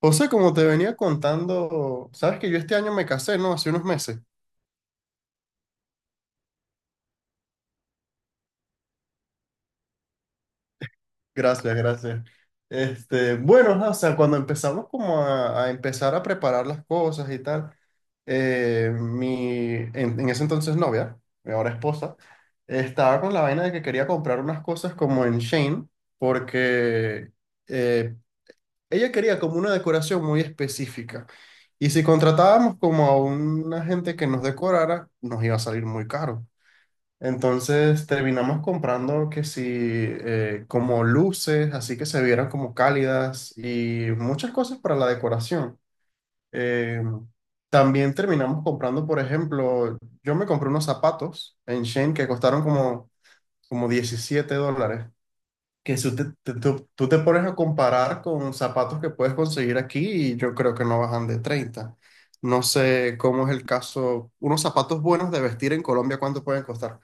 José, como te venía contando, sabes que yo este año me casé, ¿no? Hace unos meses. Gracias, gracias. Este, bueno, ajá, o sea, cuando empezamos como a empezar a preparar las cosas y tal, en ese entonces novia, mi ahora esposa, estaba con la vaina de que quería comprar unas cosas como en Shane, porque eh, ella quería como una decoración muy específica. Y si contratábamos como a una gente que nos decorara, nos iba a salir muy caro. Entonces terminamos comprando que sí, como luces, así que se vieran como cálidas y muchas cosas para la decoración. Eh, también terminamos comprando, por ejemplo, yo me compré unos zapatos en Shein que costaron como $17. Que si tú tú te pones a comparar con zapatos que puedes conseguir aquí y yo creo que no bajan de 30. No sé cómo es el caso. Unos zapatos buenos de vestir en Colombia, ¿cuánto pueden costar?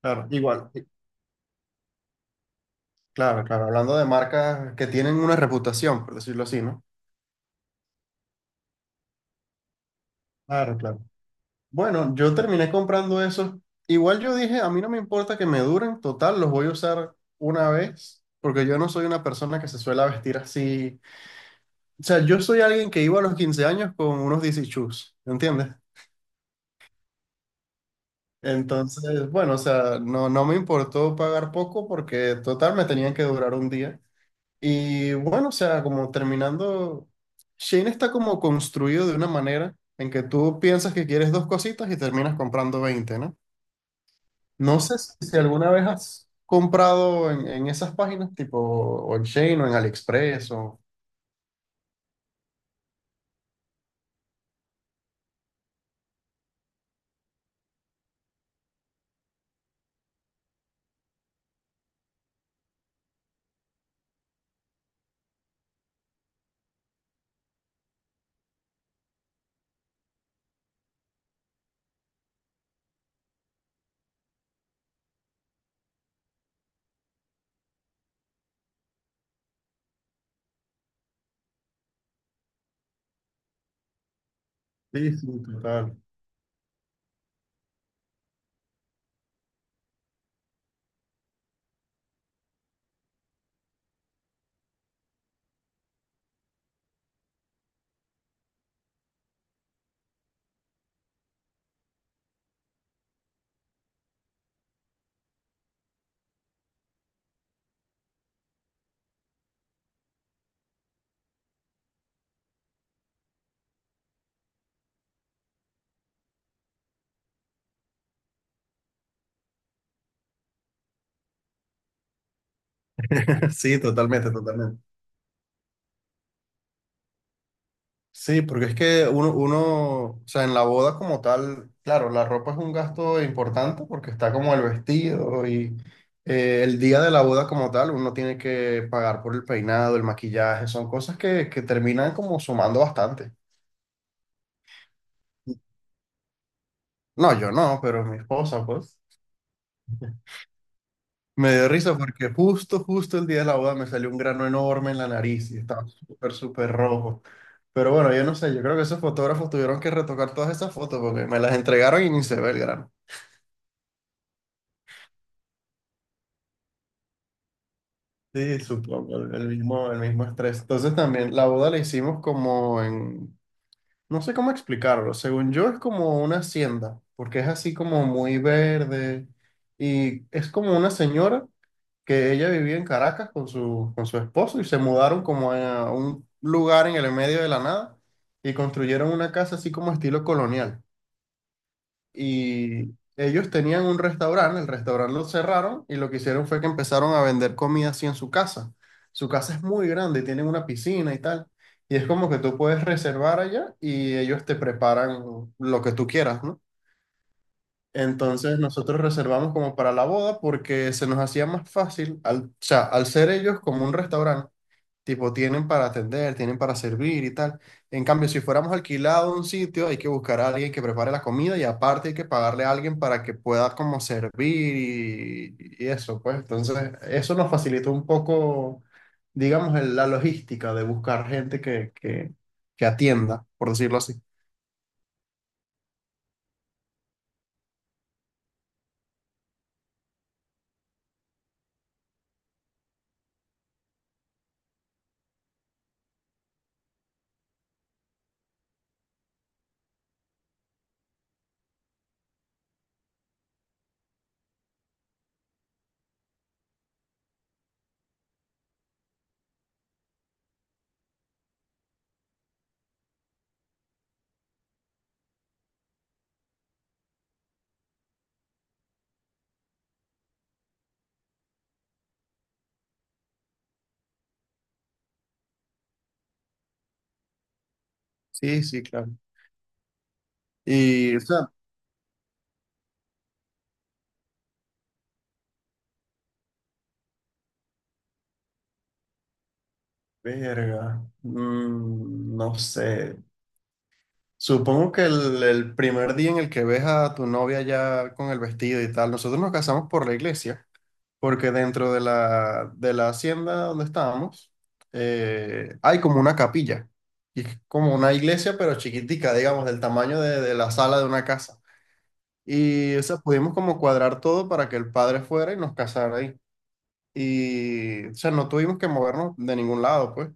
Claro, igual. Claro, claro, hablando de marcas que tienen una reputación, por decirlo así, ¿no? Claro, claro. Bueno, yo terminé comprando esos. Igual yo dije, a mí no me importa que me duren, total, los voy a usar una vez, porque yo no soy una persona que se suele vestir así. O sea, yo soy alguien que iba a los 15 años con unos DC shoes, ¿me entiendes? Entonces, bueno, o sea, no, no me importó pagar poco porque total me tenían que durar un día. Y bueno, o sea, como terminando, Shane está como construido de una manera en que tú piensas que quieres dos cositas y terminas comprando 20, ¿no? No sé si alguna vez has comprado en esas páginas, tipo o en Shane o en AliExpress o... Sí, sí, total. Sí, totalmente, totalmente. Sí, porque es que uno, o sea, en la boda como tal, claro, la ropa es un gasto importante porque está como el vestido y el día de la boda como tal, uno tiene que pagar por el peinado, el maquillaje, son cosas que terminan como sumando bastante. No, yo no, pero mi esposa, pues. Me dio risa porque justo, justo el día de la boda me salió un grano enorme en la nariz y estaba súper, súper rojo. Pero bueno, yo no sé, yo creo que esos fotógrafos tuvieron que retocar todas esas fotos porque me las entregaron y ni se ve el grano. Sí, supongo, el mismo, el mismo estrés. Entonces también la boda la hicimos como en, no sé cómo explicarlo, según yo es como una hacienda, porque es así como muy verde y es como una señora que ella vivía en Caracas con su esposo y se mudaron como a un lugar en el medio de la nada y construyeron una casa así como estilo colonial y ellos tenían un restaurante, el restaurante lo cerraron y lo que hicieron fue que empezaron a vender comida así en su casa. Su casa es muy grande, tienen una piscina y tal. Y es como que tú puedes reservar allá y ellos te preparan lo que tú quieras, ¿no? Entonces nosotros reservamos como para la boda porque se nos hacía más fácil, o sea, al ser ellos como un restaurante. Tipo, tienen para atender, tienen para servir y tal. En cambio, si fuéramos alquilados a un sitio, hay que buscar a alguien que prepare la comida y aparte hay que pagarle a alguien para que pueda como servir y eso, pues. Entonces, eso nos facilitó un poco, digamos, la logística de buscar gente que atienda, por decirlo así. Sí, sí, claro. Y, o sea, verga, no sé. Supongo que el primer día en el que ves a tu novia ya con el vestido y tal, nosotros nos casamos por la iglesia, porque dentro de la hacienda donde estábamos hay como una capilla, y es como una iglesia pero chiquitica, digamos, del tamaño de la sala de una casa. Y o sea, pudimos como cuadrar todo para que el padre fuera y nos casara ahí. Y o sea, no tuvimos que movernos de ningún lado, pues.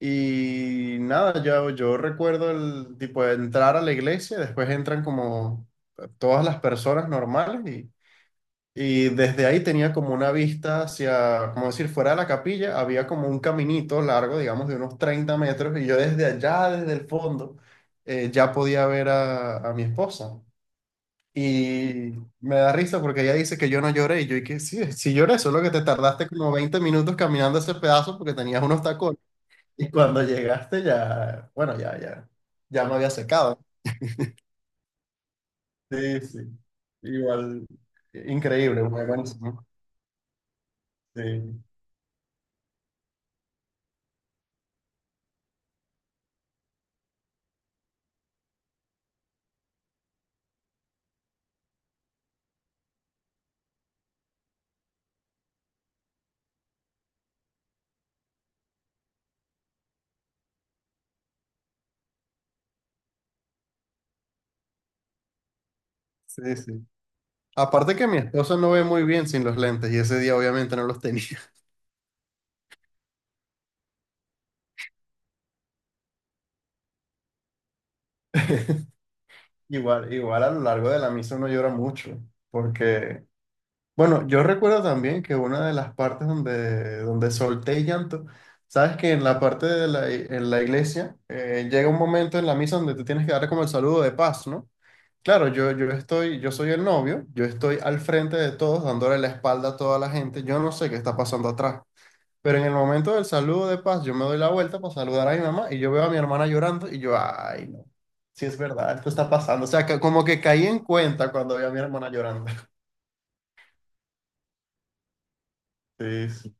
Y nada, yo recuerdo el tipo de entrar a la iglesia, después entran como todas las personas normales y desde ahí tenía como una vista hacia, como decir, fuera de la capilla, había como un caminito largo, digamos, de unos 30 metros y yo desde allá, desde el fondo, ya podía ver a mi esposa. Y me da risa porque ella dice que yo no lloré y yo y que sí, sí lloré, solo que te tardaste como 20 minutos caminando ese pedazo porque tenías unos tacones. Y cuando llegaste ya, bueno, ya, ya, ya me había secado. Sí, sí. Igual, increíble, muy buenísimo. Sí, sí, sí. Aparte que mi esposa no ve muy bien sin los lentes y ese día obviamente no los tenía. Igual a lo largo de la misa uno llora mucho, porque, bueno, yo recuerdo también que una de las partes donde, donde solté llanto, sabes que en la parte en la iglesia llega un momento en la misa donde tú tienes que dar como el saludo de paz, ¿no? Claro, yo soy el novio, yo estoy al frente de todos, dándole la espalda a toda la gente, yo no sé qué está pasando atrás, pero en el momento del saludo de paz, yo me doy la vuelta para saludar a mi mamá y yo veo a mi hermana llorando y yo, ay, no, sí es verdad, esto está pasando, o sea, que como que caí en cuenta cuando vi a mi hermana llorando. Sí, sí,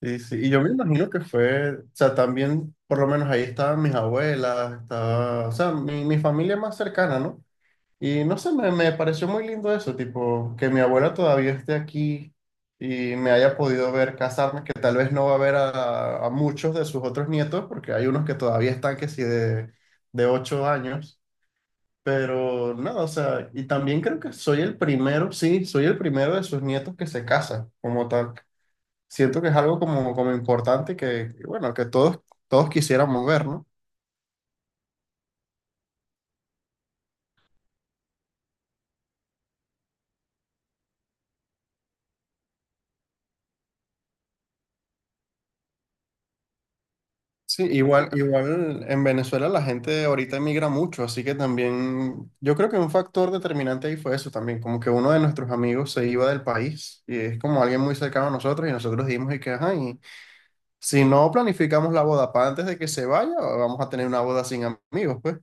sí, sí. Y yo me imagino que fue, o sea, también, por lo menos ahí estaban mis abuelas, estaba, o sea, mi familia más cercana, ¿no? Y no sé, me pareció muy lindo eso, tipo, que mi abuela todavía esté aquí y me haya podido ver casarme, que tal vez no va a ver a muchos de sus otros nietos, porque hay unos que todavía están que sí de 8 años, pero nada, o sea, y también creo que soy el primero, sí, soy el primero de sus nietos que se casa, como tal. Siento que es algo como importante bueno, que todos, todos quisiéramos ver, ¿no? Sí, igual en Venezuela la gente ahorita emigra mucho, así que también yo creo que un factor determinante ahí fue eso también, como que uno de nuestros amigos se iba del país y es como alguien muy cercano a nosotros y nosotros dijimos y que, ajá, y si no planificamos la boda para antes de que se vaya, vamos a tener una boda sin amigos, pues.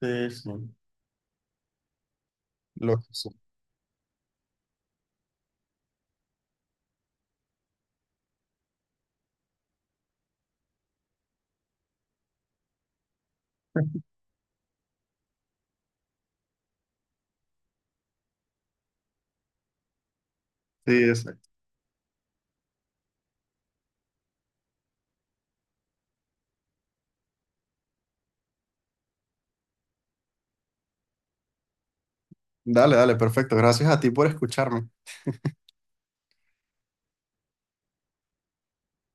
Sí, sí. Lo que sí. Sí, exacto. Dale, dale, perfecto. Gracias a ti por escucharme.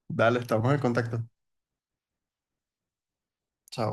Dale, estamos en contacto. Chao.